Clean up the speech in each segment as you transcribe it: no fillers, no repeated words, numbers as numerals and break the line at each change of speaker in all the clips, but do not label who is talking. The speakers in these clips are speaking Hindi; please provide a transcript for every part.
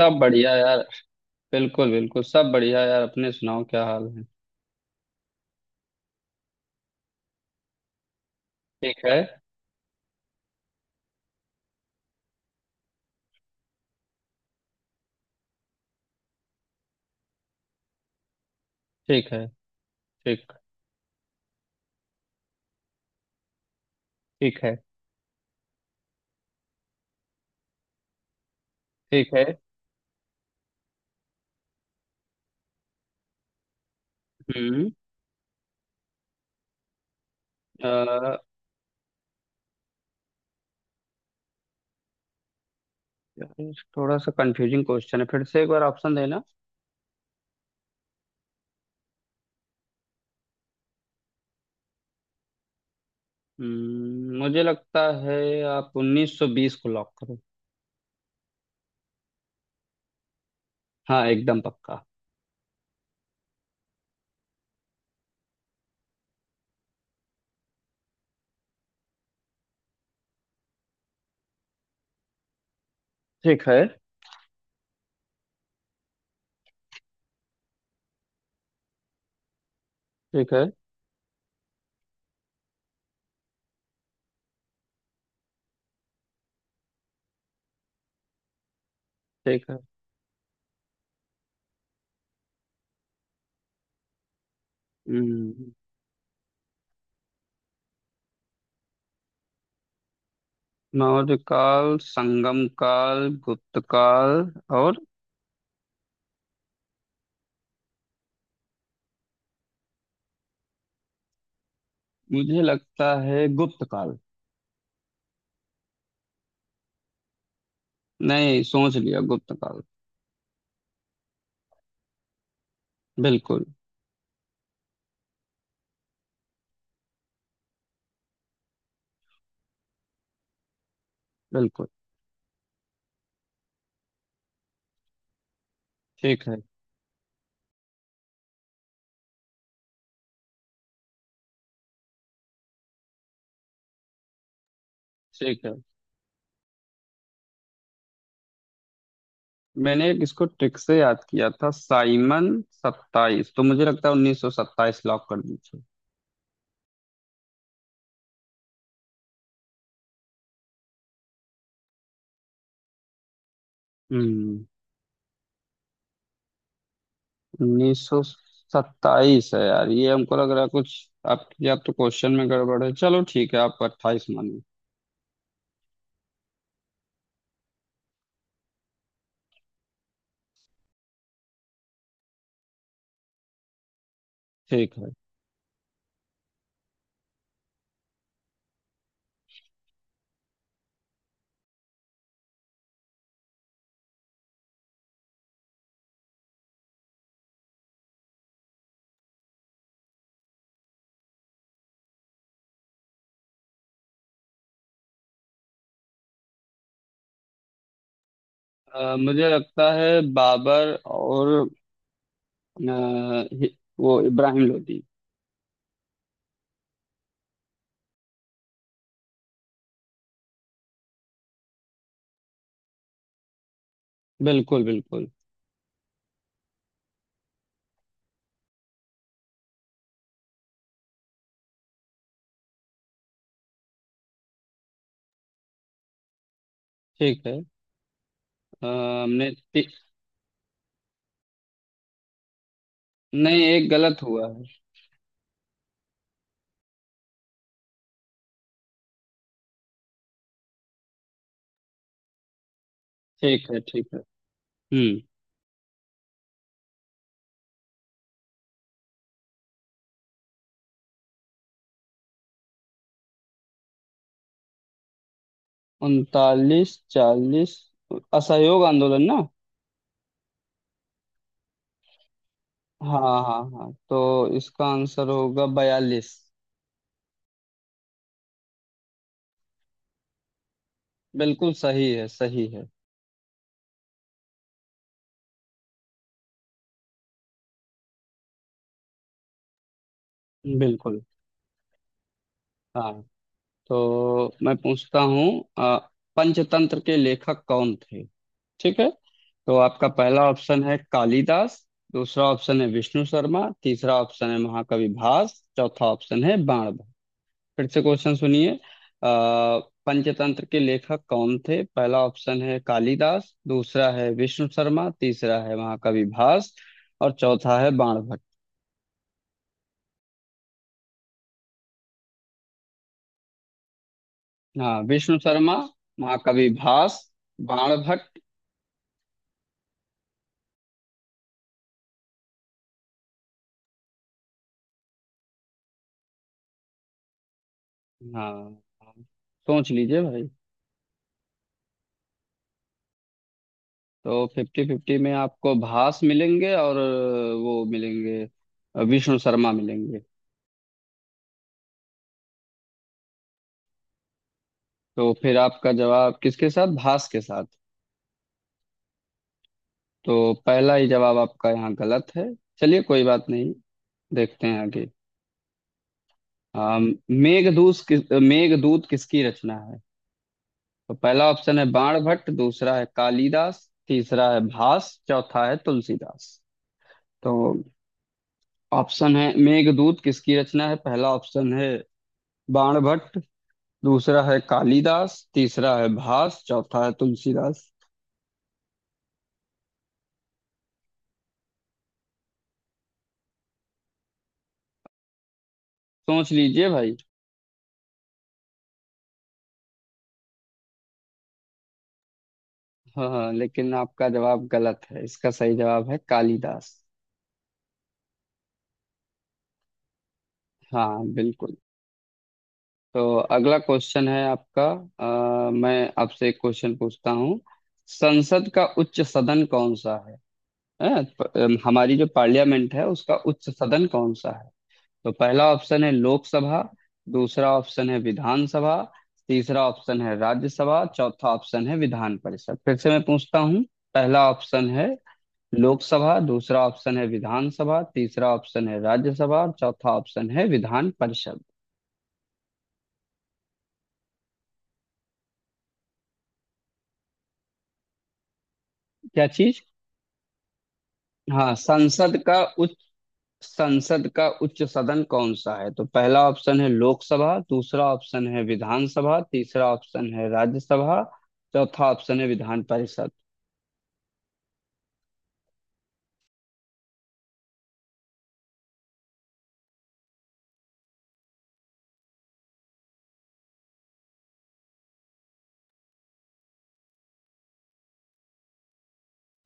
सब बढ़िया यार। बिल्कुल बिल्कुल सब बढ़िया यार, अपने सुनाओ क्या हाल है। ठीक है। ठीक है। ठीक। ठीक है। ठीक है। हम्म अ, यार, थोड़ा सा कंफ्यूजिंग क्वेश्चन है, फिर से एक बार ऑप्शन देना। मुझे लगता है आप 1920 को लॉक करो। हाँ एकदम पक्का। ठीक है। ठीक है। ठीक है। हम्म, मौर्य काल, संगम काल, गुप्त काल और मुझे लगता है गुप्त काल। नहीं सोच लिया, गुप्त काल। बिल्कुल बिल्कुल। ठीक है। ठीक है। मैंने एक इसको ट्रिक से याद किया था, साइमन सत्ताईस, तो मुझे लगता है उन्नीस सौ सत्ताईस लॉक कर दीजिए। हम्म। उन्नीस सौ सत्ताईस है यार ये, हमको लग रहा है कुछ आपकी। आप या तो क्वेश्चन में गड़बड़ है, चलो ठीक है आप अट्ठाईस मानिए। ठीक है। मुझे लगता है बाबर और अ, हि- वो इब्राहिम लोदी। बिल्कुल बिल्कुल। ठीक है। हमने नहीं एक गलत हुआ है। ठीक है। ठीक है। हम्म। उनतालीस, चालीस, असहयोग आंदोलन ना। हाँ हाँ हाँ, तो इसका आंसर होगा बयालीस। बिल्कुल सही है सही है। बिल्कुल। हाँ, तो मैं पूछता हूँ अ, पंचतंत्र के लेखक कौन थे। ठीक है। तो आपका पहला ऑप्शन है कालिदास, दूसरा ऑप्शन है विष्णु शर्मा, तीसरा ऑप्शन है महाकवि भास, चौथा ऑप्शन है बाण। फिर से क्वेश्चन सुनिए। पंचतंत्र के लेखक कौन थे? पहला ऑप्शन है कालिदास, दूसरा है विष्णु शर्मा, तीसरा है महाकवि भास और चौथा है बाणभट्ट। हाँ, विष्णु शर्मा, महाकवि भास, बाणभट्ट। हाँ। सोच लीजिए भाई। तो फिफ्टी फिफ्टी में आपको भास मिलेंगे और वो मिलेंगे, विष्णु शर्मा मिलेंगे। तो फिर आपका जवाब किसके साथ, भास के साथ? तो पहला ही जवाब आपका यहाँ गलत है। चलिए कोई बात नहीं, देखते हैं अभी। हम। मेघदूत किसकी रचना है? तो पहला ऑप्शन है बाणभट्ट, दूसरा है कालिदास, तीसरा है भास, चौथा है तुलसीदास। तो ऑप्शन है, मेघदूत किसकी रचना है? पहला ऑप्शन है बाणभट्ट, दूसरा है कालिदास, तीसरा है भास, चौथा है तुलसीदास। सोच लीजिए भाई। हाँ हाँ, लेकिन आपका जवाब गलत है, इसका सही जवाब है कालिदास। हाँ बिल्कुल। तो अगला क्वेश्चन है आपका। मैं आपसे एक क्वेश्चन पूछता हूँ, संसद का उच्च सदन कौन सा है? हैं? हमारी जो पार्लियामेंट है उसका उच्च सदन कौन सा है? तो पहला ऑप्शन है लोकसभा, दूसरा ऑप्शन है विधानसभा, तीसरा ऑप्शन है राज्यसभा, चौथा ऑप्शन है विधान परिषद। फिर से मैं पूछता हूँ, पहला ऑप्शन है लोकसभा, दूसरा ऑप्शन है विधानसभा, तीसरा ऑप्शन है राज्यसभा और चौथा ऑप्शन है विधान परिषद। क्या चीज? हाँ, संसद का उच्च सदन कौन सा है? तो पहला ऑप्शन है लोकसभा, दूसरा ऑप्शन है विधानसभा, तीसरा ऑप्शन है राज्यसभा, चौथा ऑप्शन है विधान परिषद।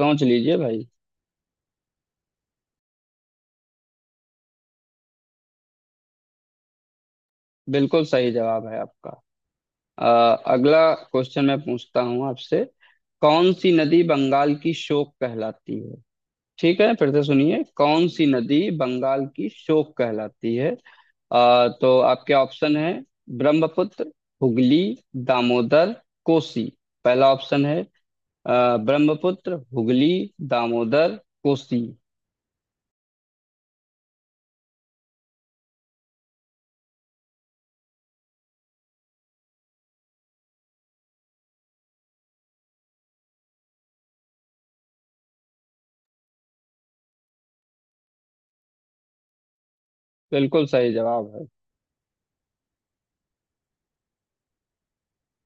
सोच लीजिए भाई। बिल्कुल सही जवाब है आपका। अगला क्वेश्चन मैं पूछता हूँ आपसे, कौन सी नदी बंगाल की शोक कहलाती है? ठीक है, फिर से सुनिए, कौन सी नदी बंगाल की शोक कहलाती है? तो आपके ऑप्शन है ब्रह्मपुत्र, हुगली, दामोदर, कोसी। पहला ऑप्शन है ब्रह्मपुत्र, हुगली, दामोदर, कोसी। बिल्कुल सही जवाब है।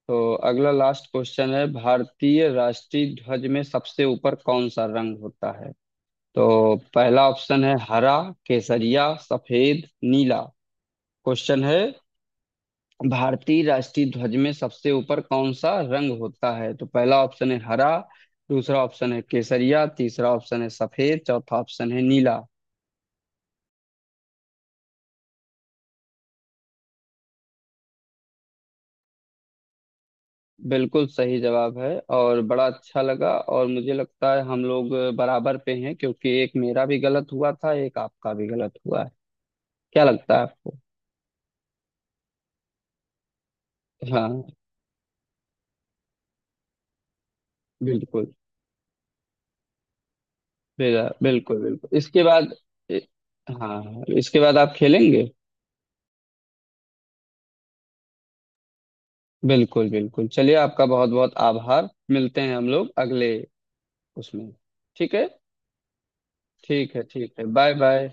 तो अगला लास्ट क्वेश्चन है, भारतीय राष्ट्रीय ध्वज में सबसे ऊपर कौन सा रंग होता है? तो पहला ऑप्शन है हरा, केसरिया, सफेद, नीला। क्वेश्चन है, भारतीय राष्ट्रीय ध्वज में सबसे ऊपर कौन सा रंग होता है? तो पहला ऑप्शन है हरा, दूसरा ऑप्शन है केसरिया, तीसरा ऑप्शन है सफेद, चौथा ऑप्शन है नीला। बिल्कुल सही जवाब है। और बड़ा अच्छा लगा, और मुझे लगता है हम लोग बराबर पे हैं, क्योंकि एक मेरा भी गलत हुआ था, एक आपका भी गलत हुआ है। क्या लगता है आपको? हाँ बिल्कुल। बिल्कुल बिल्कुल बिल्कुल इसके बाद। हाँ इसके बाद आप खेलेंगे। बिल्कुल बिल्कुल, चलिए आपका बहुत बहुत आभार, मिलते हैं हम लोग अगले उसमें। ठीक है। ठीक है। ठीक है, बाय बाय।